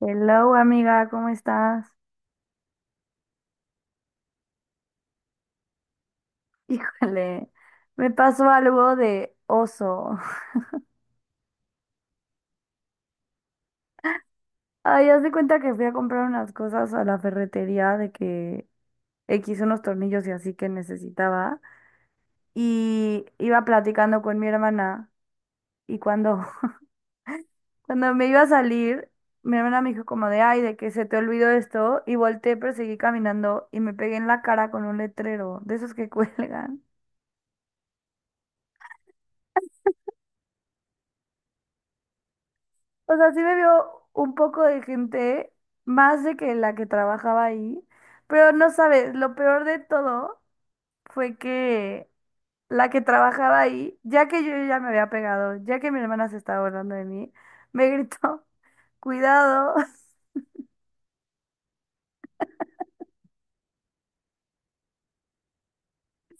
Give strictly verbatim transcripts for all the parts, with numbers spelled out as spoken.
Hello, amiga, ¿cómo estás? Híjole, me pasó algo de oso. Ay, haz de cuenta que fui a comprar unas cosas a la ferretería de que X unos tornillos y así que necesitaba. Y iba platicando con mi hermana y cuando, cuando me iba a salir, mi hermana me dijo como de, ay, de que se te olvidó esto. Y volteé, pero seguí caminando y me pegué en la cara con un letrero de esos que cuelgan. O sea, sí me vio un poco de gente, más de que la que trabajaba ahí, pero no sabes, lo peor de todo fue que la que trabajaba ahí, ya que yo ya me había pegado, ya que mi hermana se estaba burlando de mí, me gritó, cuidado.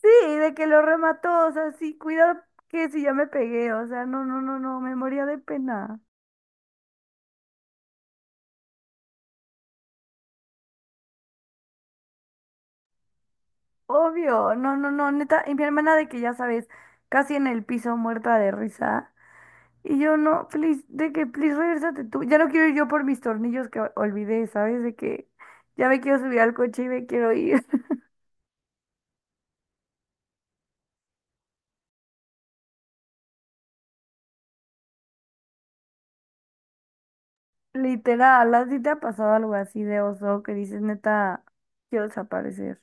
Sí, de que lo remató, o sea, sí, cuidado que si ya me pegué, o sea, no, no, no, no, me moría de pena. Obvio, no, no, no, neta, y mi hermana de que ya sabes, casi en el piso muerta de risa. Y yo no, please, de que, please, regresate tú. Ya no quiero ir yo por mis tornillos que olvidé, ¿sabes? De que ya me quiero subir al coche y me quiero ir. Literal, ¿a ti te ha pasado algo así de oso que dices, neta, quiero desaparecer?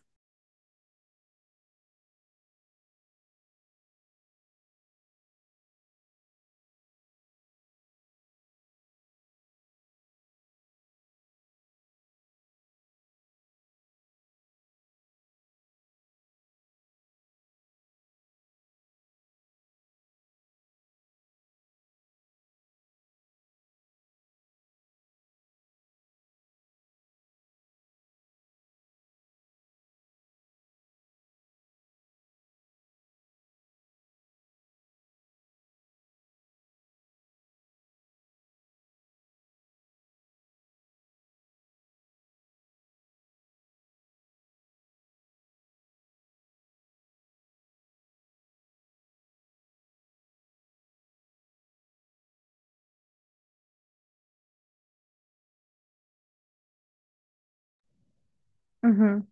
Ujú.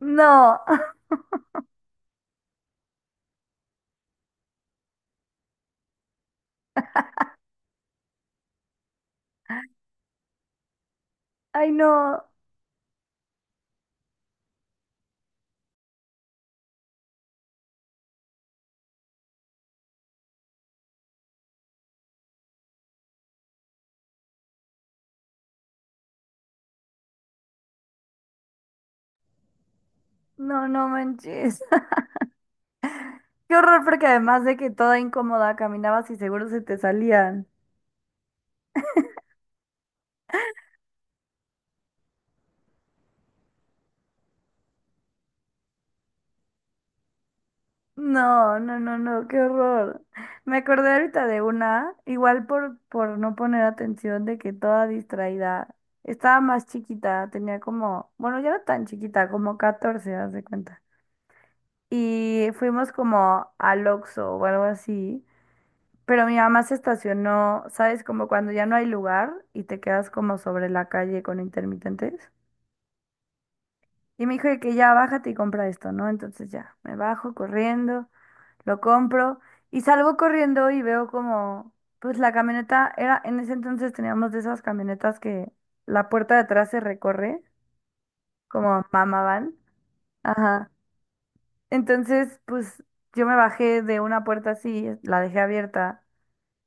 No. Ay, no, no, no manches. Qué horror, porque además de que toda incómoda caminabas y seguro se te salían. No, no, no, no, qué horror. Me acordé ahorita de una, igual por, por no poner atención de que toda distraída. Estaba más chiquita, tenía como, bueno, ya no tan chiquita, como catorce, haz de cuenta. Y fuimos como al Oxxo o algo así, pero mi mamá se estacionó, ¿sabes? Como cuando ya no hay lugar y te quedas como sobre la calle con intermitentes. Y me dijo de que ya bájate y compra esto, ¿no? Entonces ya, me bajo corriendo, lo compro y salgo corriendo y veo como, pues la camioneta era, en ese entonces teníamos de esas camionetas que la puerta de atrás se recorre, como mamá van. Ajá. Entonces, pues yo me bajé de una puerta así, la dejé abierta,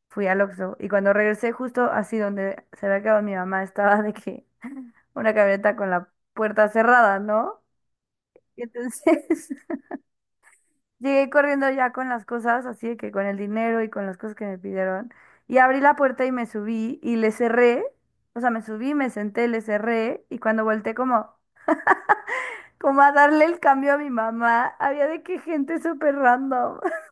fui al Oxxo y cuando regresé justo así donde se había quedado mi mamá, estaba de que una camioneta con la puerta cerrada, ¿no? Y entonces llegué corriendo ya con las cosas, así de que con el dinero y con las cosas que me pidieron. Y abrí la puerta y me subí y le cerré. O sea, me subí, me senté, le cerré. Y cuando volteé como, como a darle el cambio a mi mamá, había de que gente súper random.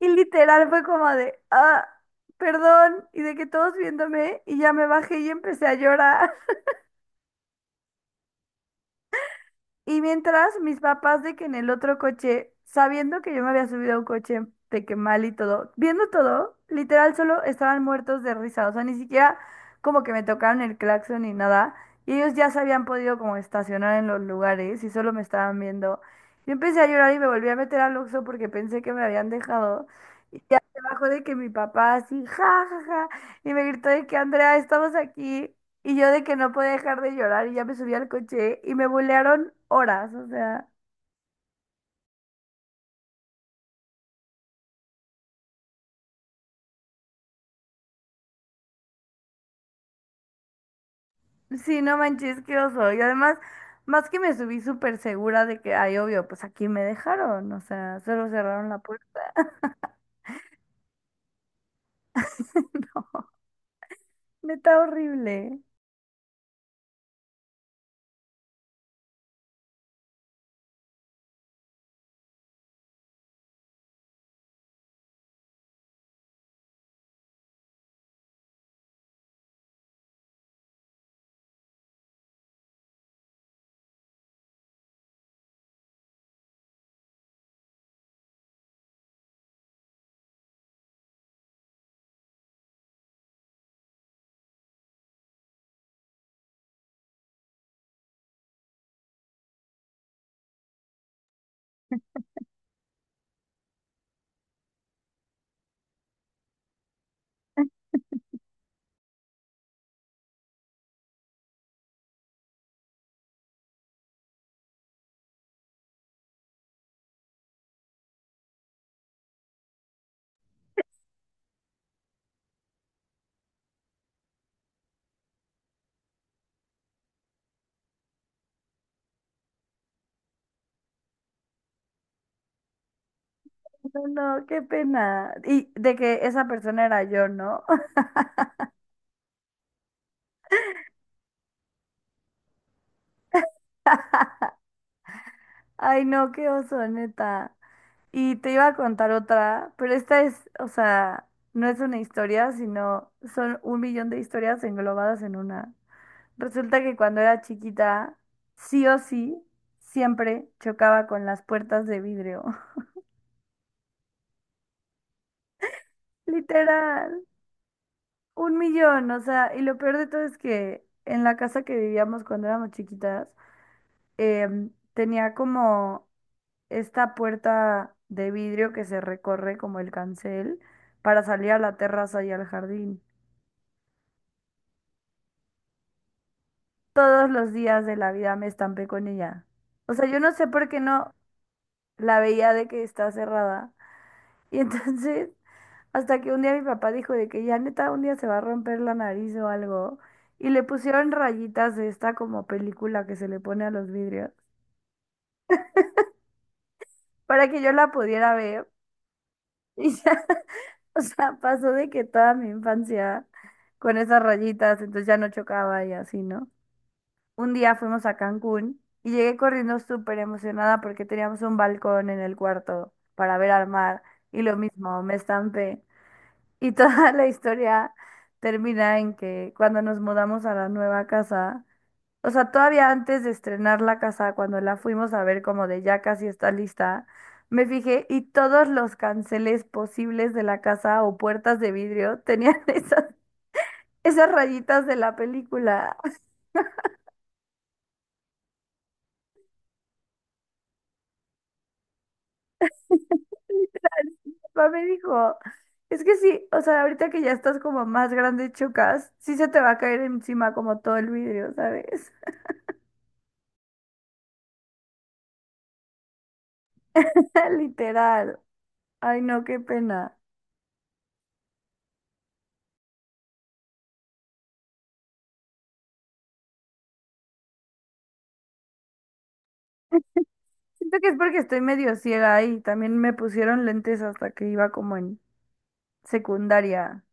Y literal fue como de, ah, perdón. Y de que todos viéndome y ya me bajé y empecé a llorar. Y mientras mis papás de que en el otro coche, sabiendo que yo me había subido a un coche de que mal y todo, viendo todo, literal solo estaban muertos de risa, o sea, ni siquiera como que me tocaron el claxon ni nada, y ellos ya se habían podido como estacionar en los lugares y solo me estaban viendo. Yo empecé a llorar y me volví a meter al Oxxo porque pensé que me habían dejado. Y ya se bajó de que mi papá así, ja, ja, ja, y me gritó de que Andrea, estamos aquí. Y yo de que no podía dejar de llorar y ya me subí al coche y me bulearon horas, o sea, sí, no manches, qué oso. Y además, más que me subí súper segura de que, ay, obvio, pues aquí me dejaron, o sea, solo cerraron la puerta. Neta horrible. No, no, qué pena. Y de que esa persona era yo, ¿no? Ay, no, qué oso, neta. Y te iba a contar otra, pero esta es, o sea, no es una historia, sino son un millón de historias englobadas en una. Resulta que cuando era chiquita, sí o sí, siempre chocaba con las puertas de vidrio. Literal, un millón, o sea, y lo peor de todo es que en la casa que vivíamos cuando éramos chiquitas, em, tenía como esta puerta de vidrio que se recorre como el cancel para salir a la terraza y al jardín. Todos los días de la vida me estampé con ella. O sea, yo no sé por qué no la veía de que está cerrada. Y entonces, hasta que un día mi papá dijo de que ya neta un día se va a romper la nariz o algo, y le pusieron rayitas de esta como película que se le pone a los vidrios, para que yo la pudiera ver. Y ya, o sea, pasó de que toda mi infancia con esas rayitas, entonces ya no chocaba y así, ¿no? Un día fuimos a Cancún y llegué corriendo súper emocionada porque teníamos un balcón en el cuarto para ver al mar y lo mismo, me estampé. Y toda la historia termina en que cuando nos mudamos a la nueva casa, o sea, todavía antes de estrenar la casa, cuando la fuimos a ver como de ya casi está lista, me fijé y todos los canceles posibles de la casa o puertas de vidrio tenían esas, esas rayitas de la película. O papá me dijo, es que sí, o sea, ahorita que ya estás como más grande, chocas, sí se te va a caer encima como todo el vidrio, ¿sabes? Literal. Ay, no, qué pena. Siento que es porque estoy medio ciega ahí. También me pusieron lentes hasta que iba como en secundaria.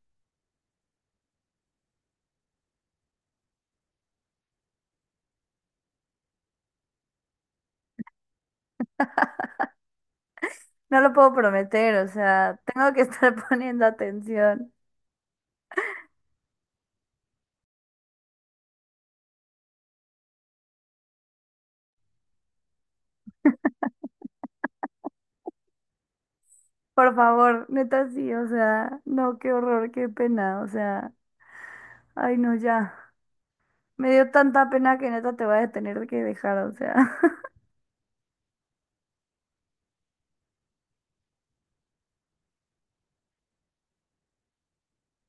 No lo puedo prometer, o sea, tengo que estar poniendo atención. Por favor, neta sí, o sea, no, qué horror, qué pena, o sea, ay no, ya. Me dio tanta pena que neta te voy a tener que dejar, o sea.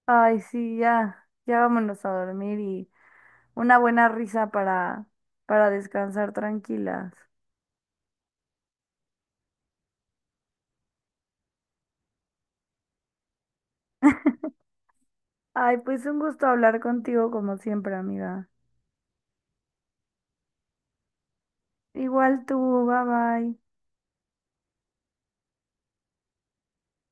Ay, sí, ya, ya vámonos a dormir y una buena risa para, para descansar tranquilas. Ay, pues un gusto hablar contigo como siempre, amiga. Igual tú, bye bye.